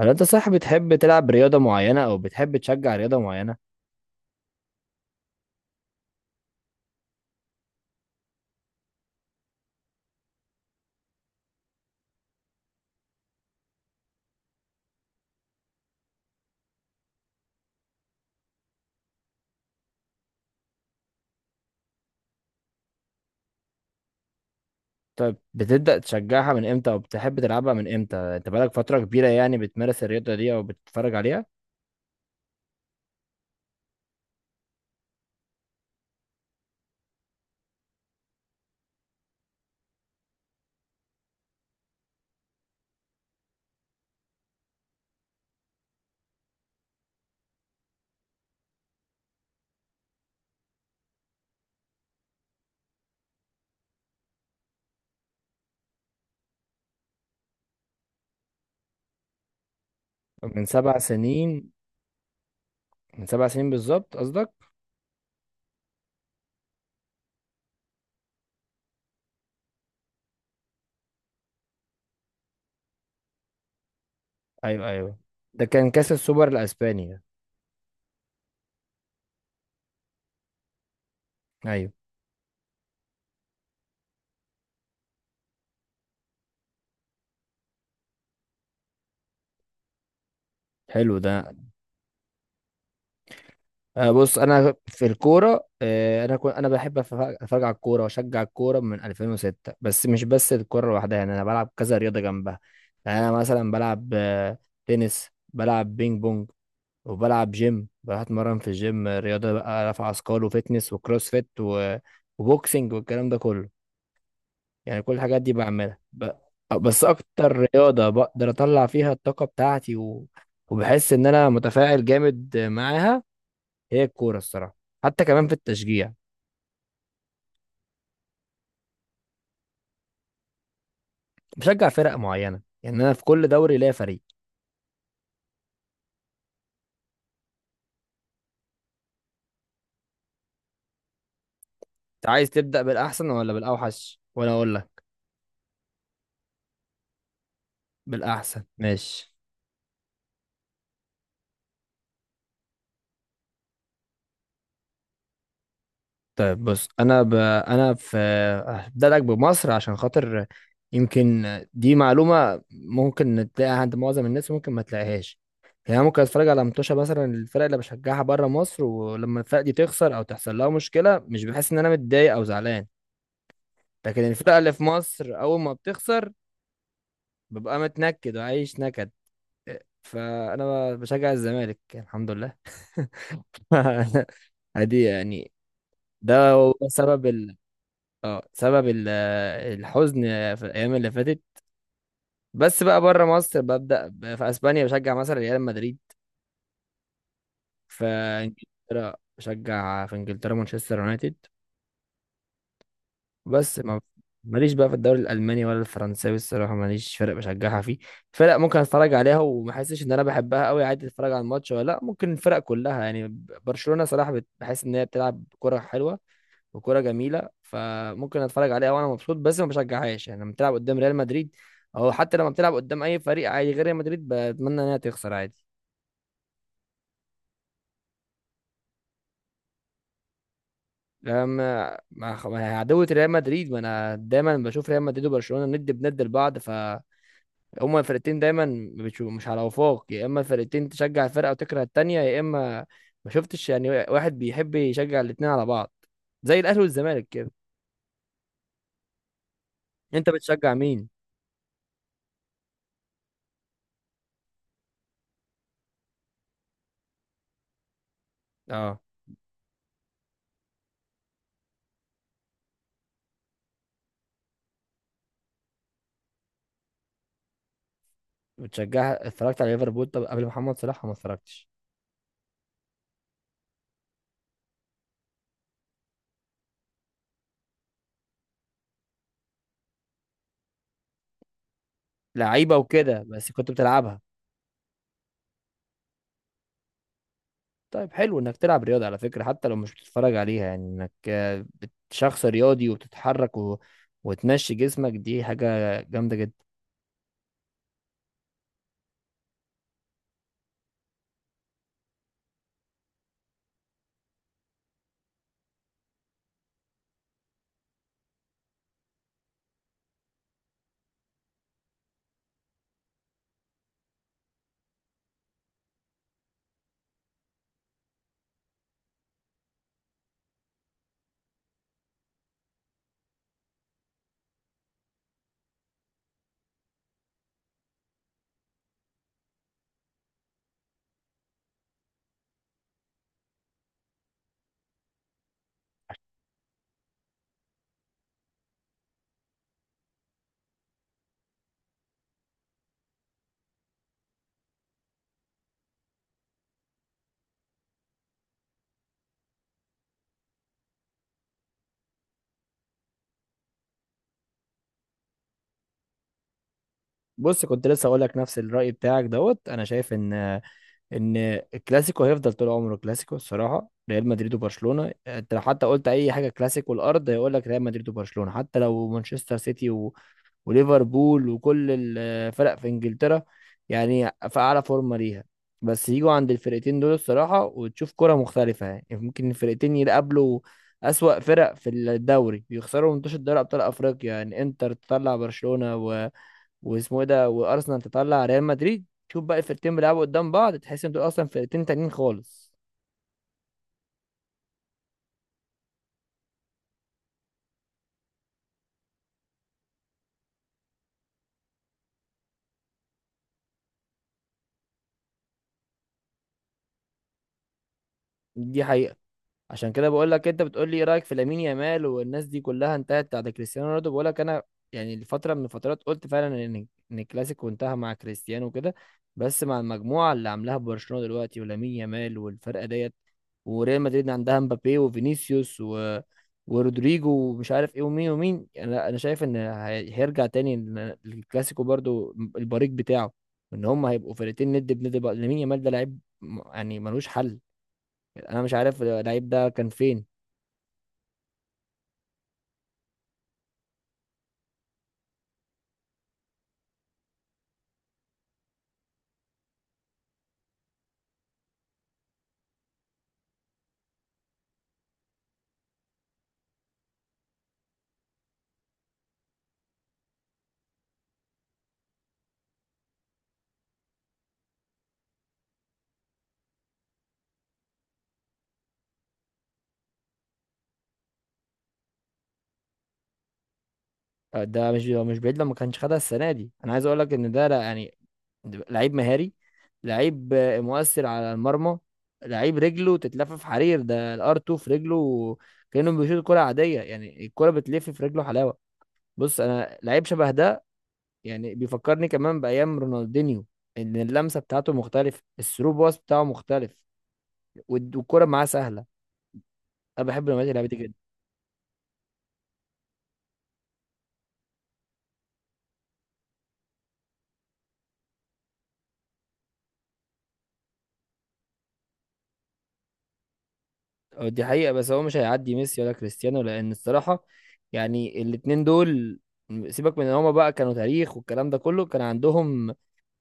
هل انت صح بتحب تلعب رياضة معينة او بتحب تشجع رياضة معينة؟ طيب بتبدأ تشجعها من امتى او بتحب تلعبها من امتى؟ انت بقالك فترة كبيرة يعني بتمارس الرياضة دي او بتتفرج عليها؟ من سبع سنين، من سبع سنين بالظبط قصدك؟ ايوه ايوه، ده كان كاس السوبر الاسباني. ايوه. حلو ده. بص انا في الكوره، انا كنت بحب اتفرج على الكوره واشجع الكوره من 2006، بس مش بس الكوره لوحدها، يعني انا بلعب كذا رياضه جنبها. يعني انا مثلا بلعب تنس، بلعب بينج بونج، وبلعب جيم، بروح اتمرن في الجيم، رياضه بقى رفع اثقال وفتنس وكروس فيت وبوكسنج والكلام ده كله. يعني كل الحاجات دي بعملها بس اكتر رياضه بقدر اطلع فيها الطاقه بتاعتي وبحس ان انا متفاعل جامد معاها هي الكورة الصراحة، حتى كمان في التشجيع. بشجع فرق معينة، يعني أنا في كل دوري ليا فريق. أنت عايز تبدأ بالأحسن ولا بالأوحش وأنا أقول لك؟ بالأحسن ماشي. طيب بص، أنا هبدأ لك بمصر عشان خاطر يمكن دي معلومة ممكن تلاقيها عند معظم الناس، ممكن ما تلاقيهاش. يعني أنا ممكن اتفرج على متوشة مثلا الفرق اللي بشجعها بره مصر، ولما الفرق دي تخسر او تحصل لها مشكلة مش بحس ان انا متضايق او زعلان، لكن الفرقة اللي في مصر أول ما بتخسر ببقى متنكد وعايش نكد. فانا بشجع الزمالك الحمد لله. عادي يعني، ده هو سبب الحزن في الايام اللي فاتت. بس بقى بره مصر ببدا في اسبانيا بشجع مثلا ريال مدريد، في انجلترا بشجع في انجلترا مانشستر يونايتد. بس ما ماليش بقى في الدوري الالماني ولا الفرنساوي، الصراحه ماليش فرق بشجعها فيه. فرق ممكن اتفرج عليها وما احسش ان انا بحبها قوي، عادي اتفرج على الماتش ولا لا، ممكن الفرق كلها يعني. برشلونه صراحه بحس ان هي بتلعب كره حلوه وكره جميله، فممكن اتفرج عليها وانا مبسوط، بس ما بشجعهاش. يعني لما بتلعب قدام ريال مدريد، او حتى لما بتلعب قدام اي فريق عادي غير ريال مدريد، بتمنى انها تخسر عادي. لما مع عدوة ريال مدريد، ما انا دايما بشوف ريال مدريد وبرشلونه ند بند لبعض، ف هما الفرقتين دايما بتشوف مش على وفاق، يا اما الفرقتين تشجع الفرقه وتكره التانيه يا اما، ما شفتش يعني واحد بيحب يشجع الاتنين على بعض، زي الاهلي والزمالك كده. انت بتشجع مين؟ اه بتشجع اتفرجت على ليفربول، طب قبل محمد صلاح ما اتفرجتش؟ لعيبه وكده بس كنت بتلعبها؟ طيب حلو انك تلعب رياضه على فكره، حتى لو مش بتتفرج عليها، يعني انك شخص رياضي وبتتحرك وتمشي جسمك، دي حاجه جامده جدا. بص كنت لسه اقول لك نفس الرأي بتاعك دوت. انا شايف ان الكلاسيكو هيفضل طول عمره كلاسيكو الصراحه. ريال مدريد وبرشلونه، انت لو حتى قلت اي حاجه كلاسيكو الارض هيقول لك ريال مدريد وبرشلونه. حتى لو مانشستر سيتي وليفربول وكل الفرق في انجلترا يعني في اعلى فورمه ليها، بس يجوا عند الفرقتين دول الصراحه وتشوف كره مختلفه. يعني يعني ممكن الفرقتين يقابلوا اسوأ فرق في الدوري يخسروا منتوش، الدوري ابطال افريقيا يعني انتر تطلع برشلونه واسمه ايه ده وارسنال تطلع ريال مدريد، شوف بقى الفرقتين بيلعبوا قدام بعض، تحس ان دول اصلا فرقتين تانيين خالص. دي حقيقة. عشان كده بقول لك، انت بتقول لي ايه رايك في لامين يامال والناس دي كلها انتهت بعد كريستيانو رونالدو، بقول لك انا يعني لفتره من الفترات قلت فعلا ان الكلاسيكو انتهى مع كريستيانو وكده. بس مع المجموعه اللي عاملاها برشلونه دلوقتي ولامين يامال والفرقه ديت، وريال مدريد عندها مبابي وفينيسيوس ورودريجو ومش عارف ايه ومين ومين، انا شايف ان هيرجع تاني للكلاسيكو برضو البريق بتاعه، ان هم هيبقوا فرقتين ند بند بقى. لامين يامال ده لعيب يعني ملوش حل، انا مش عارف اللعيب ده كان فين. ده مش هو مش بعيد لو ما كانش خدها السنه دي. انا عايز اقول لك ان ده يعني لعيب مهاري، لعيب مؤثر على المرمى، لعيب رجله تتلف في حرير، ده الار 2 في رجله، كانه بيشوط كره عاديه يعني الكره بتلف في رجله حلاوه. بص انا لعيب شبه ده يعني، بيفكرني كمان بايام رونالدينيو، ان اللمسه بتاعته مختلفه، الثرو باص بتاعه مختلف، والكره معاه سهله. انا بحب نوعيه اللعيبه دي. أه، دي حقيقة، بس هو مش هيعدي ميسي ولا كريستيانو، لأن الصراحة يعني الاتنين دول، سيبك من ان هما بقى كانوا تاريخ والكلام ده كله، كان عندهم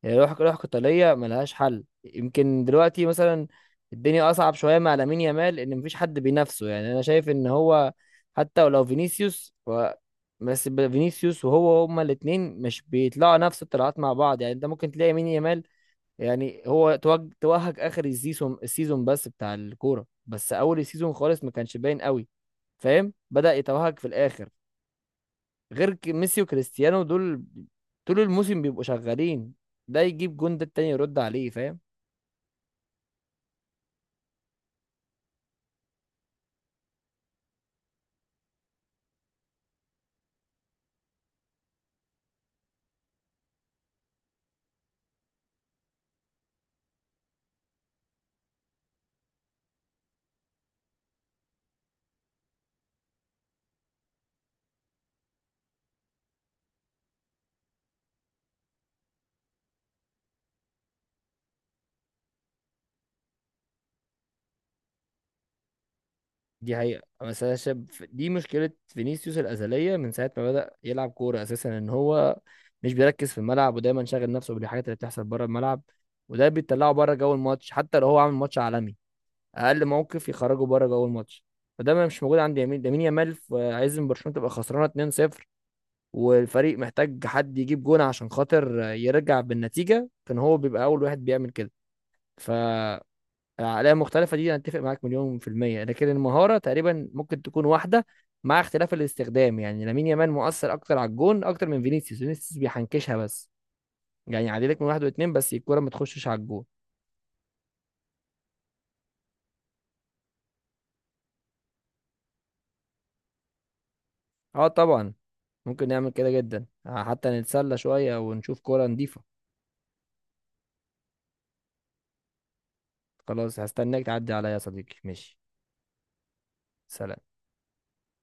روح قتالية ملهاش حل. يمكن دلوقتي مثلا الدنيا أصعب شوية مع لامين يامال إن مفيش حد بينافسه، يعني أنا شايف إن هو حتى ولو فينيسيوس فينيسيوس وهو هما الاتنين مش بيطلعوا نفس الطلعات مع بعض، يعني أنت ممكن تلاقي لامين يامال، يعني هو توهج اخر السيزون بس بتاع الكوره، بس اول السيزون خالص ما كانش باين قوي، فاهم، بدأ يتوهج في الاخر. غير ميسي وكريستيانو دول طول الموسم بيبقوا شغالين، ده يجيب جون ده التاني يرد عليه، فاهم. دي حقيقة، بس انا شايف دي مشكلة فينيسيوس الأزلية من ساعة ما بدأ يلعب كورة أساسا، إن هو مش بيركز في الملعب ودايما شاغل نفسه بالحاجات اللي بتحصل بره الملعب، وده بيطلعه بره جو الماتش حتى لو هو عامل ماتش عالمي، اقل موقف يخرجوا بره جوه الماتش. فده ما مش موجود عند لامين يامال، عايز ان برشلونه تبقى خسرانه 2-0 والفريق محتاج حد يجيب جون عشان خاطر يرجع بالنتيجه، كان هو بيبقى اول واحد بيعمل كده. ف العقليه المختلفه دي انا اتفق معاك مليون في الميه، لكن المهاره تقريبا ممكن تكون واحده مع اختلاف الاستخدام، يعني لامين يامال مؤثر اكتر على الجون اكتر من فينيسيوس، فينيسيوس بيحنكشها بس، يعني يعدي لك من واحد واتنين بس الكوره ما تخشش على الجون. اه طبعا، ممكن نعمل كده جدا حتى نتسلى شوية ونشوف كورة نضيفة. خلاص هستناك تعدي عليا يا صديقي، ماشي. سلام.